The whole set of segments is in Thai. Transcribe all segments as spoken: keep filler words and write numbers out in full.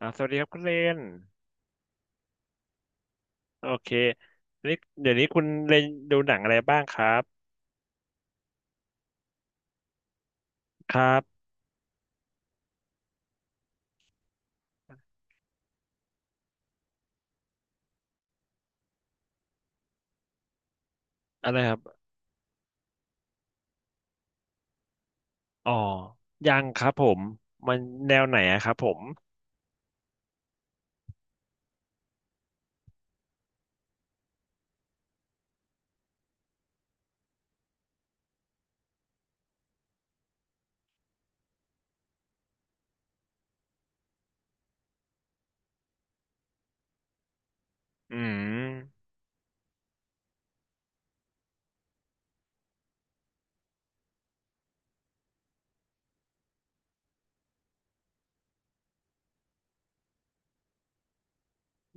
อ่าสวัสดีครับคุณเลนโอเคนี่เดี๋ยวนี้คุณเลนดูหนังอะไรบ้างครับครับอะไรครับอ๋อยังครับผมมันแนวไหนอะครับผมอืม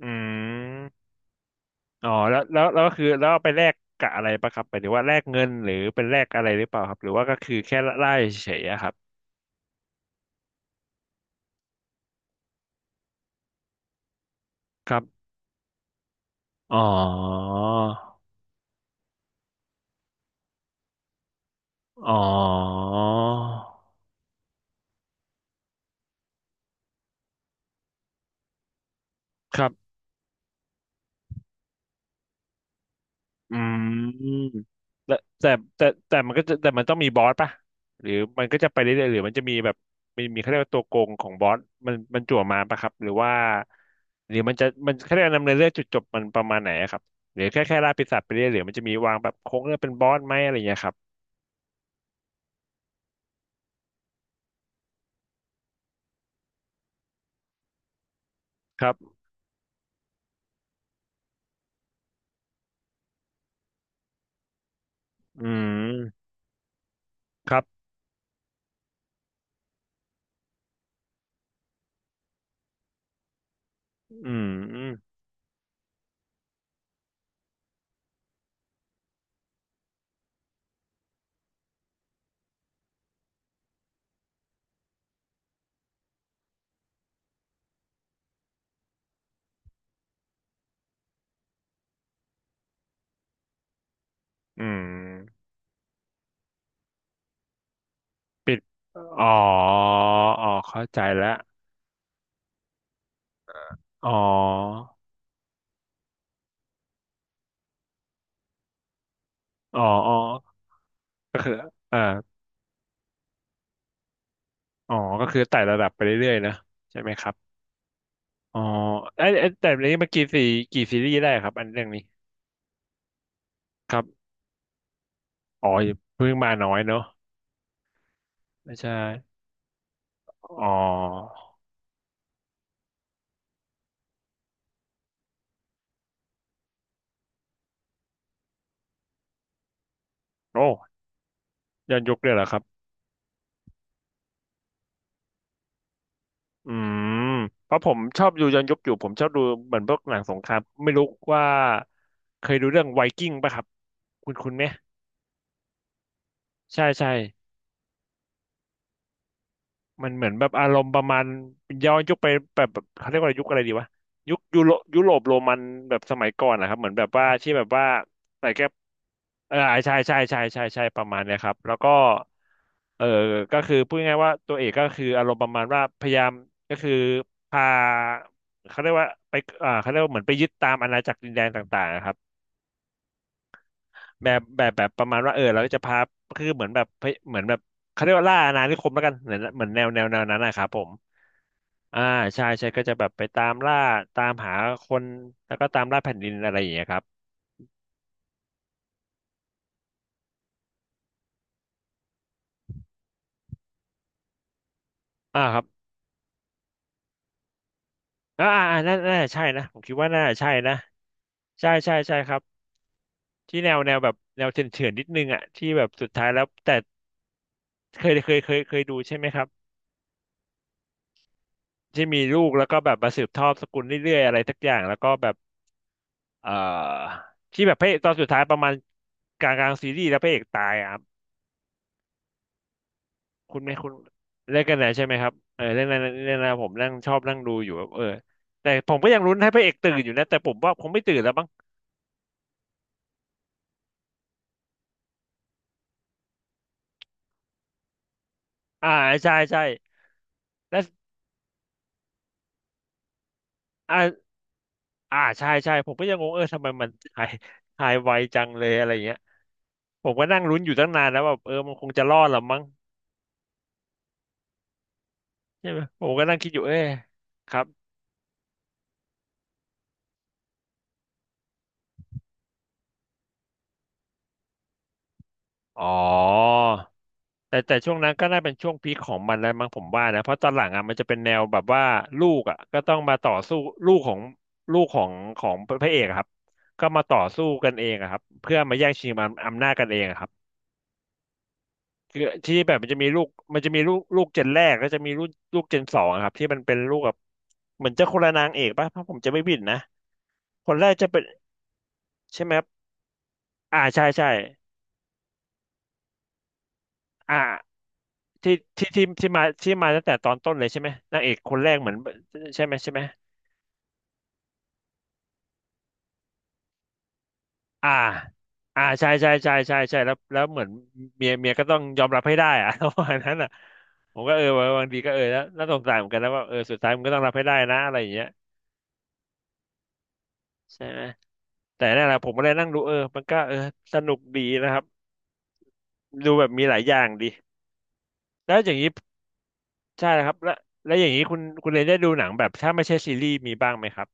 อืมอ๋อแล้วแล้วแล้วก็คือแล้วเอาไปแลกกับอะไรปะครับหมายถึงว่าแลกเงินหรือเป็นแลกอะไรหรือเปล่าครับหรือว่าก็คือแค่ไล่เฉยๆอะครับครับอ๋ออ๋อครับ อืมแต่แต่แต่แต่มันก็จะแต่มันต้องมีบอสป่ะหรือมันก็จะไปเรื่อยๆหรือมันจะมีแบบมีมีเขาเรียกว่าตัวโกงของบอสมันมันจั่วมาป่ะครับหรือว่าหรือมันจะมันเขาเรียกว่าดำเนินเรื่องจุดจบมันประมาณไหนอะครับหรือแค่แค่ล่าปีศาจไปเรื่อยหรือมันจะมีวางแบบโค้งเรื่องเป็นบอสไหมอะไรอย่างเงี้ยครับครับอืมครับอืมอืมปิดอ๋ออ๋อเข้าใจแล้วอ๋ออ๋ออ๋อก็คืออ่า อ๋อ ก็คือไต่ระดับไปเรื่อยๆนะใช่ไหมครับอ๋อไอ้ไอ้แต่นี้มันกี่ซีกี่ซีรีส์ได้ครับอันเรื่องนี้ครับอ๋อเพิ่งมาน้อยเนอะไม่ใช่อ๋อโอ้ย้อนยุคเลยเหรอครับอืมเพราะผมชอบดูย้อนยุคอยู่ผมชอบดูเหมือนพวกหนังสงครามไม่รู้ว่าเคยดูเรื่องไวกิ้งป่ะครับคุณคุณไหมใช่ใช่ มันเหมือนแบบอารมณ์ประมาณย้อนยุคไปแบบแบบเขาเรียกว่ายุคอะไรดีวะยุคยุโรยุโรปโรมันแบบสมัยก่อนนะครับเหมือนแบบว่าที่แบบว่าใส่แก้วเออใช่ใช่ใช่ใช่ใช่ประมาณเนี้ยครับแล้วก็เออก็คือพูดง่ายๆว่าตัวเอกก็คืออารมณ์ประมาณว่าพยายามก็คือพาเขาเรียกว่าไปอ่าเขาเรียกว่าเหมือนไปยึดตามอาณาจักรดินแดนต่างๆนะครับ แบบแบบแบบประมาณว่าเออเราก็จะพาคือเหมือนแบบเหมือนแบบเขาเรียกว่าล่าอาณานิคมแล้วกันเหมือนเหมือนแนวแนวแนวนั้นนะครับผมอ่าใช่ใช่ก็จะแบบไปตามล่าตามหาคนแล้วก็ตามล่าแผ่นดินอะไรอย่างเงี้ยครับอ่าครับอ่าอ่าอ่าน่าน่าใช่นะผมคิดว่าน่าใช่นะใช่ใช่ใช่ครับที่แนวแนวแบบแนวเถื่อนๆนิดนึงอ่ะที่แบบสุดท้ายแล้วแต่เคยเคยเคยเคยดูใช่ไหมครับที่มีลูกแล้วก็แบบมาสืบทอดสกุลเรื่อยๆอะไรสักอย่างแล้วก็แบบ เอ่อที่แบบพระเอกตอนสุดท้ายประมาณกลางกลางซีรีส์แล้วพระเอกตายอ่ะครับคุณไม่คุณเล่นกันไหนใช่ไหมครับเออเรื่องนั้นเรื่องนั้นผมนั่งชอบนั่งดูอยู่แบบเออแต่ผมก็ยังลุ้นให้พระเอกตื่นอยู่นะแต่ผมว่าคงไม่ตื่นแล้วบ้างอ่าใช่ใช่และอ่าอ่าใช่ใช่ผมก็ยังงงเออทำไมมันหายหายไวจังเลยอะไรอย่างเงี้ยผมก็นั่งลุ้นอยู่ตั้งนานแล้วแบบเออมันคงจะรอดหรอมั้งใช่ไหมผมก็นั่งคิดอยู่เออครับอ๋อ แต่แต่ช่วงนั้นก็น่าเป็นช่วงพีคของมันแล้วมั้งผมว่านะเพราะตอนหลังอ่ะมันจะเป็นแนวแบบว่าลูกอ่ะก็ต้องมาต่อสู้ลูกของลูกของของพระเอกอะครับก็มาต่อสู้กันเองอะครับเพื่อมาแย่งชิงอำอำนาจกันเองอะครับคือที่แบบมันจะมีลูกมันจะมีลูกลูกเจนแรกก็จะมีลูกลูกเจนสองอะครับที่มันเป็นลูกแบบเหมือนจะคนละนางเอกป่ะถ้าผมจะไม่ผิดนะคนแรกจะเป็นใช่ไหมครับอ่าใช่ใช่อ่าที่ที่ที่ที่มาที่มาตั้งแต่ตอนต้นเลยใช่ไหมนางเอกคนแรกเหมือนใช่ไหมใช่ไหม อ่าอ่าใช่ใช่ใช่ใช่ใช่แล้วแล้วเหมือนเมียเมียก็ต้องยอมรับให้ได้อะ ประมาณนั้นอ่ะผมก็เออบางทีก็เออแล้วน่าสงสารเหมือนกันนะว่าเออสุดท้ายมันก็ต้องรับให้ได้นะอะไรอย่างเงี้ยใช่ไหมแต่นั่นแหละผมก็เลยนั่งดูเออมันก็เออสนุกดีนะครับดูแบบมีหลายอย่างดีแล้วอย่างนี้ใช่ครับแล้วแล้วอย่างนี้คุณคุณเลยได้ดูหนังแบบถ้าไม่ใช่ซีรีส์มีบ้างไหมครับ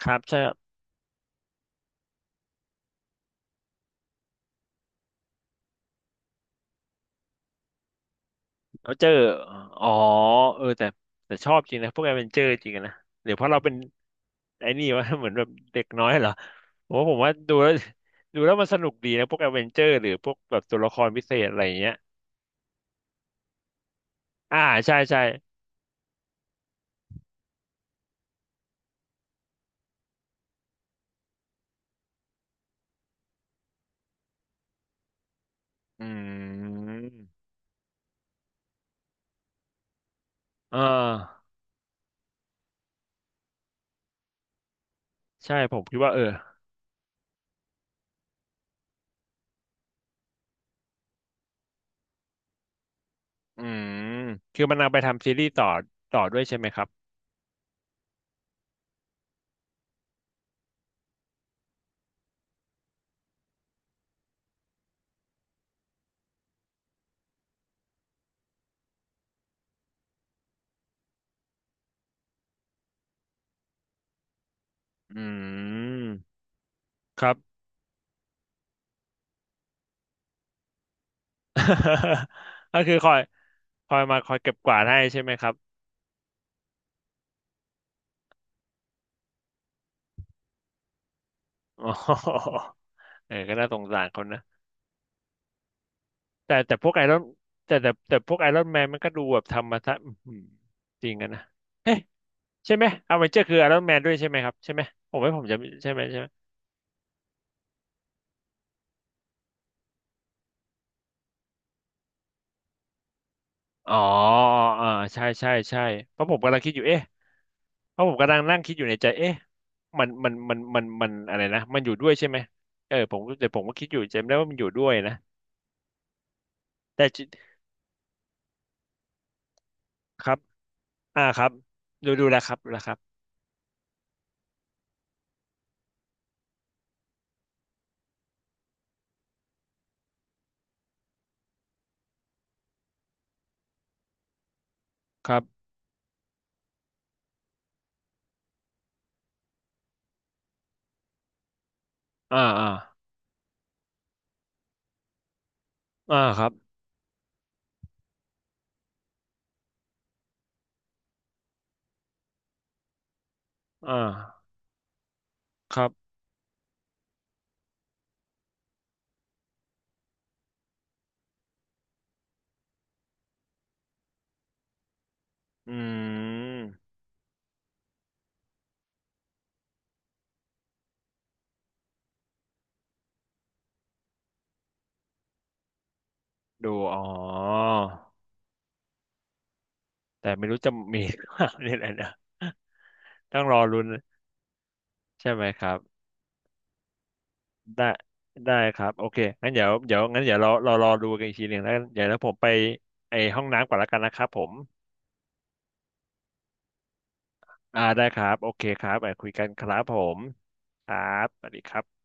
ครับใช่ครับเอาเจออ๋อเออแต่แต่ชอบจริงนะพวกแอดเวนเจอร์จริงอะนะเดี๋ยวเพราะเราเป็นไอ้นี่วะ เหมือนแบบเด็กน้อยเหรอ โอ้ผมว่าดูแล้ว ดูแล้วมันสนุกดีนะพวกแอดเวนเจอร์หรือพวกแบบตัวละครพิเศษอะไรอย่างเงี้ยอ่าใช่ใช่อืมอ่าใช่ผมคิดว่าเอออืมคือมันเอาไปทำซีรีส์ต่อต่อด้วยใช่ไหมครับอืมครับ ก็คือคอยคอยมาคอยเก็บกวาดให้ใช่ไหมครับอ๋อ เออก็น่าสงสารคนนะแต่แต่พวกไอรอนแต่แต่แต่พวกไอรอนแมนมันก็ดูแบบทำมาซะอื้อหือจริงกันนะ ใช่ไหมอเวนเจอร์คือไอรอนแมนด้วยใช่ไหมครับใช่ไหมผมว่าผมจะใช่ไหมใช่ไหมอ๋ออ่าใช่ใช่ใช่เพราะผมกำลังคิดอยู่เอ๊ะเพราะผมกำลังนั่งคิดอยู่ในใจเอ๊ะมันมันมันมันมันอะไรนะมันอยู่ด้วยใช่ไหมเออผมแต่ผมก็คิดอยู่จำได้ว่ามันอยู่ด้วยนะแต่จิครับอ่าครับดูดูแลครับดูแลครับครับอ่าอ่าอ่าครับอ่าครับอืมดูอ๋อแต่ไม่รู้จะมี หรือเปล่านี่แหละนะ ต้องรอลุ้นใช่ไหมครับ ได้ได้ครับโอเคงั้นเดี๋ยวเดี๋ยวงั้นเดี๋ยวเราเรารอดูกันอีกทีหนึ่งแล้วเดี๋ยวแล้วผมไปไอห้องน้ำก่อนละกันนะครับผมอ่าได้ครับโอเคครับไปคุยกันครับผมครับสวัสดีครับ